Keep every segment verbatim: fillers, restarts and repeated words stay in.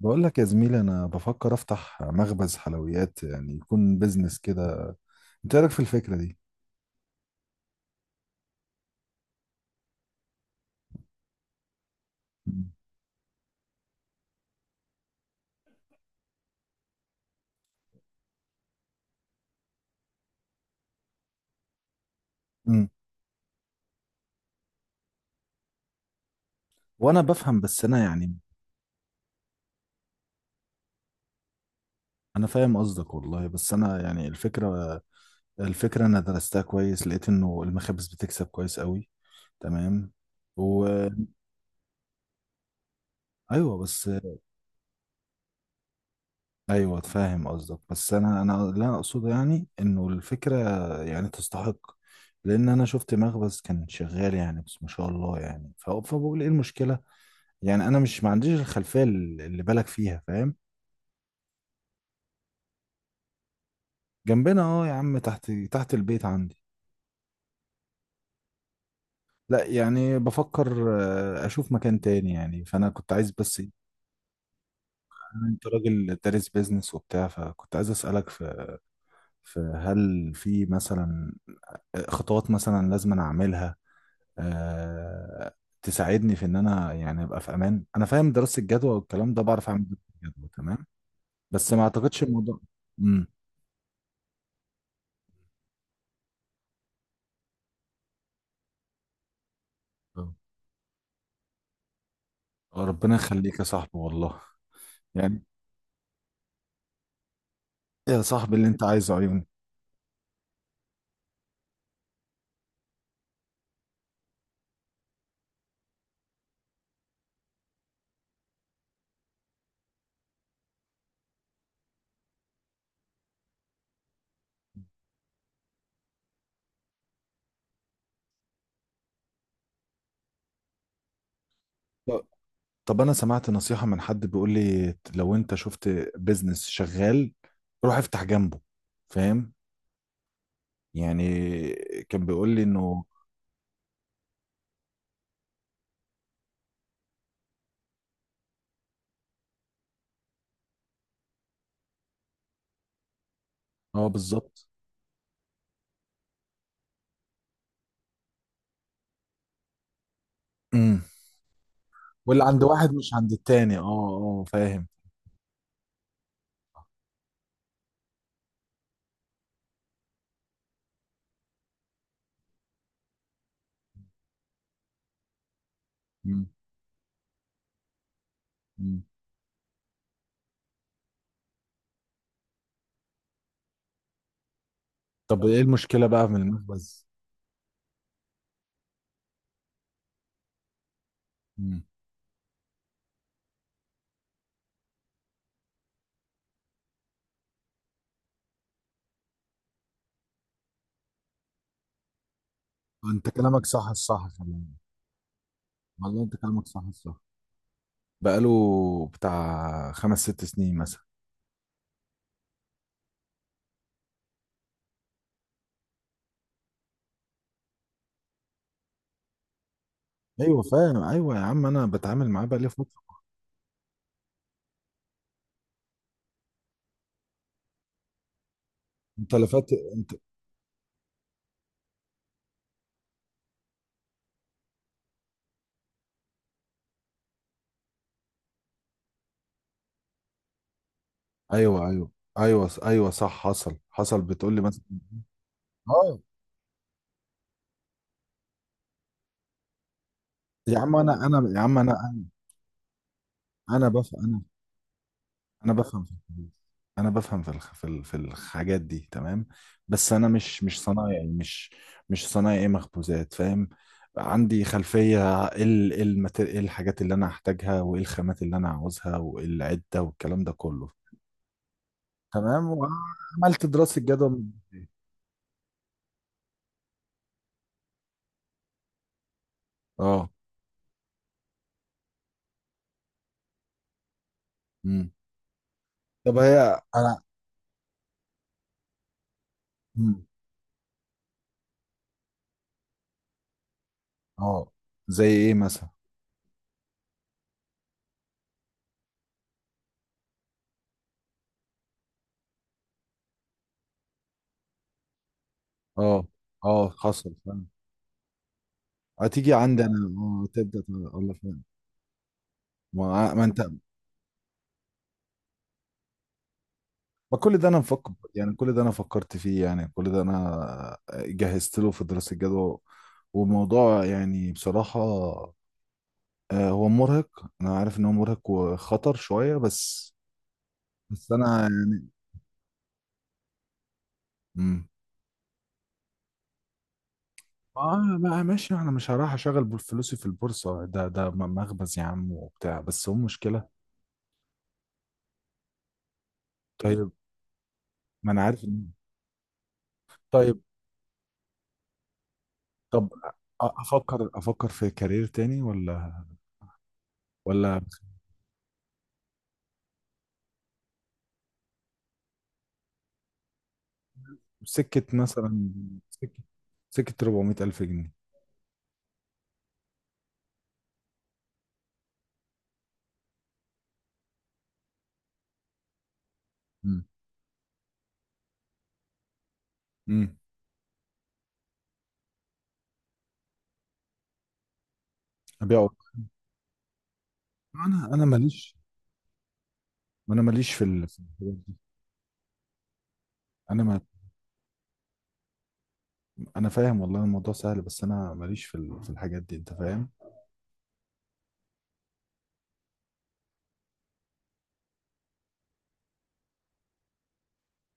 بقول لك يا زميلي، انا بفكر افتح مخبز حلويات، يعني يكون بيزنس كده. انت إيه رايك في الفكره دي؟ امم وانا بفهم بس انا يعني... انا فاهم قصدك والله، بس انا يعني الفكره، الفكره انا درستها كويس، لقيت انه المخابز بتكسب كويس قوي. تمام، و... ايوه بس. ايوه فاهم قصدك، بس انا انا لا اقصد يعني انه الفكره يعني تستحق، لان انا شفت مخبز كان شغال يعني، بس ما شاء الله يعني. ف- فبقول ايه المشكله؟ يعني انا مش ما عنديش الخلفيه ال- اللي بالك فيها، فاهم؟ جنبنا اه يا عم، تحت تحت البيت عندي. لا يعني بفكر، آه، اشوف مكان تاني، يعني فانا كنت عايز بس. أنا انت راجل دارس بيزنس وبتاع، فكنت عايز اسالك في, في هل في مثلا خطوات مثلا لازم انا اعملها، آه، تساعدني في ان انا يعني ابقى في امان. انا فاهم دراسه الجدوى والكلام ده، بعرف اعمل دراسه الجدوى تمام، بس ما اعتقدش الموضوع. امم ربنا يخليك يا صاحبي والله. يعني يا صاحبي اللي انت عايزه عيوني. طب- طب انا سمعت نصيحة من حد بيقول لي، لو انت شفت بيزنس شغال روح افتح جنبه، فاهم؟ يعني كان بيقول لي انه... اه بالظبط. امم واللي عند واحد مش عند التاني، اه اه، آه، فاهم. مم. مم. طب ايه المشكلة بقى من المخبز؟ مم. انت كلامك صح، الصح خلاني. والله انت كلامك صح، الصح بقاله بتاع خمس ست سنين مثلا. ايوه فاهم، ايوه يا عم انا بتعامل معاه بقالي فترة. انت لفت انت. ايوه ايوه. ايوه ايوه صح، حصل حصل بتقول لي مثلا. اه يا عم انا، انا يا عم انا انا بفهم انا. انا بفهم في الفلوس. انا بفهم في الخ- في ال- في الحاجات دي تمام، بس انا مش مش صنايعي، مش مش صنايعي مخبوزات، فاهم؟ عندي خلفية ايه ال- إيه المت- إيه الحاجات اللي انا هحتاجها، وايه الخامات اللي انا عاوزها، وايه العدة والكلام ده كله. تمام، وعملت دراسة جدوى. اه. امم طب هي انا... مم. اه زي ايه مثلا. اه اه حصل فعلا. هتيجي عندي انا، آه، تبدا الله فعلا. ما, ما انت... ما كل ده انا مفكر يعني، كل ده انا فكرت فيه، يعني كل ده انا آه، جهزت له في دراسه الجدوى. وموضوع يعني بصراحه آه، هو مرهق، انا عارف ان هو مرهق وخطر شويه بس. بس انا يعني... امم اه بقى ماشي، انا مش هروح اشغل بول- فلوسي في البورصه. ده ده م- مخبز يا عم وبتاع، بس هو مشكله. طيب ما انا عارف إن- طيب. طب أ- افكر افكر في كارير تاني، ولا ولا سكة مثلا. سكة. سكة أربعمائة الف جنيه. امم امم ابيع أوضة. انا انا ماليش. انا ماليش في ال- في الحاجات دي. انا ما... انا فاهم والله الموضوع سهل، بس انا ماليش في ال- في الحاجات دي، انت فاهم؟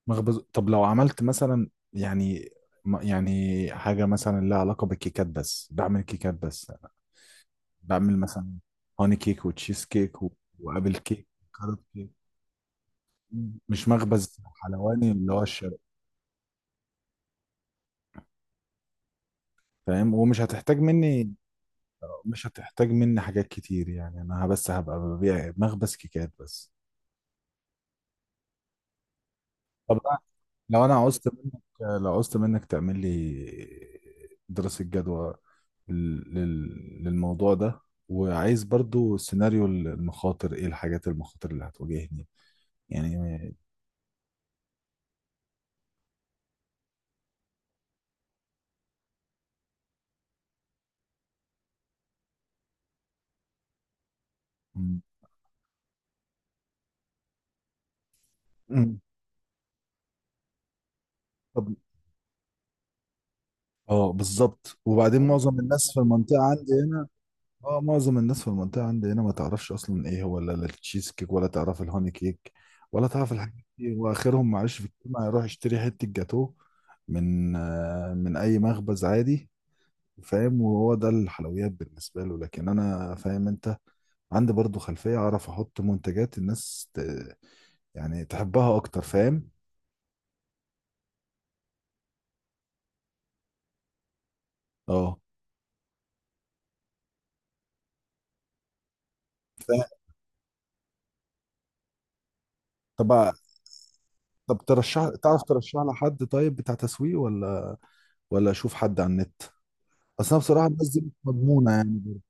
مخبز. طب لو عملت مثلا يعني ما- يعني حاجة مثلا لها علاقة بالكيكات بس، بعمل كيكات بس. بعمل مثلا هوني كيك وتشيز كيك و- وابل كيك وكارب. مش مخبز حلواني اللي هو الشرق، فاهم؟ ومش هتحتاج مني، مش هتحتاج مني حاجات كتير يعني، انا بس هبقى ببيع مخبز كيكات بس. طب بقى لو انا عوزت منك، لو عوزت منك تعمل لي دراسة جدوى لل- لل- للموضوع ده، وعايز برضو سيناريو المخاطر، ايه الحاجات المخاطر اللي هتواجهني يعني. م- م- طب اه بالظبط. وبعدين معظم الناس في المنطقة عندي هنا، اه معظم الناس في المنطقة عندي هنا ما تعرفش أصلا إيه هو، لا لا التشيز كيك ولا تعرف الهوني كيك ولا تعرف الحاجات دي. وآخرهم معلش في الكلمة يروح يشتري حتة جاتوه من، آه، من أي مخبز عادي، فاهم؟ وهو ده الحلويات بالنسبة له. لكن أنا فاهم أنت، عندي برضو خلفية أعرف أحط منتجات الناس ت... يعني تحبها أكتر، فاهم؟ اه. ف... طب. طب ترشح، تعرف ترشح لحد طيب بتاع تسويق، ولا ولا أشوف حد على النت؟ أصل أنا بصراحة الناس دي مش مضمونة يعني.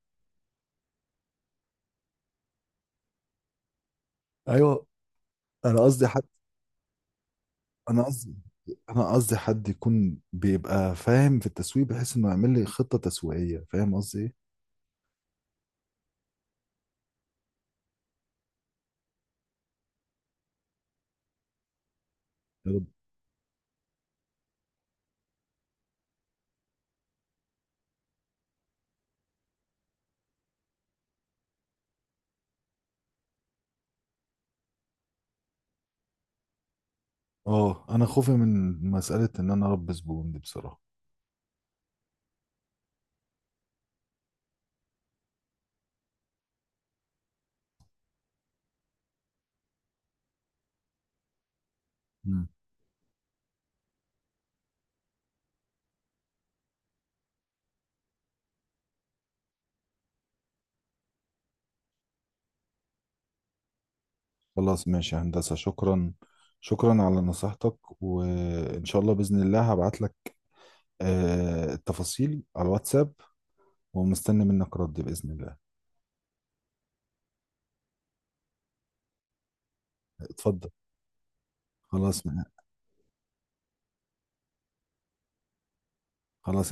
ايوه. انا قصدي حد، انا قصدي، انا قصدي حد يكون بيبقى فاهم في التسويق، بحيث انه يعمل لي خطة تسويقية، فاهم قصدي ايه؟ يا رب. اه، انا خوفي من مسألة ان انا اربي زبون دي بصراحة. مم. خلاص ماشي يا هندسة، شكرا. شكرا على نصيحتك، وان شاء الله بإذن الله هبعت لك، آه، التفاصيل على الواتساب، ومستني منك رد بإذن الله. اتفضل. خلاص. خلاص.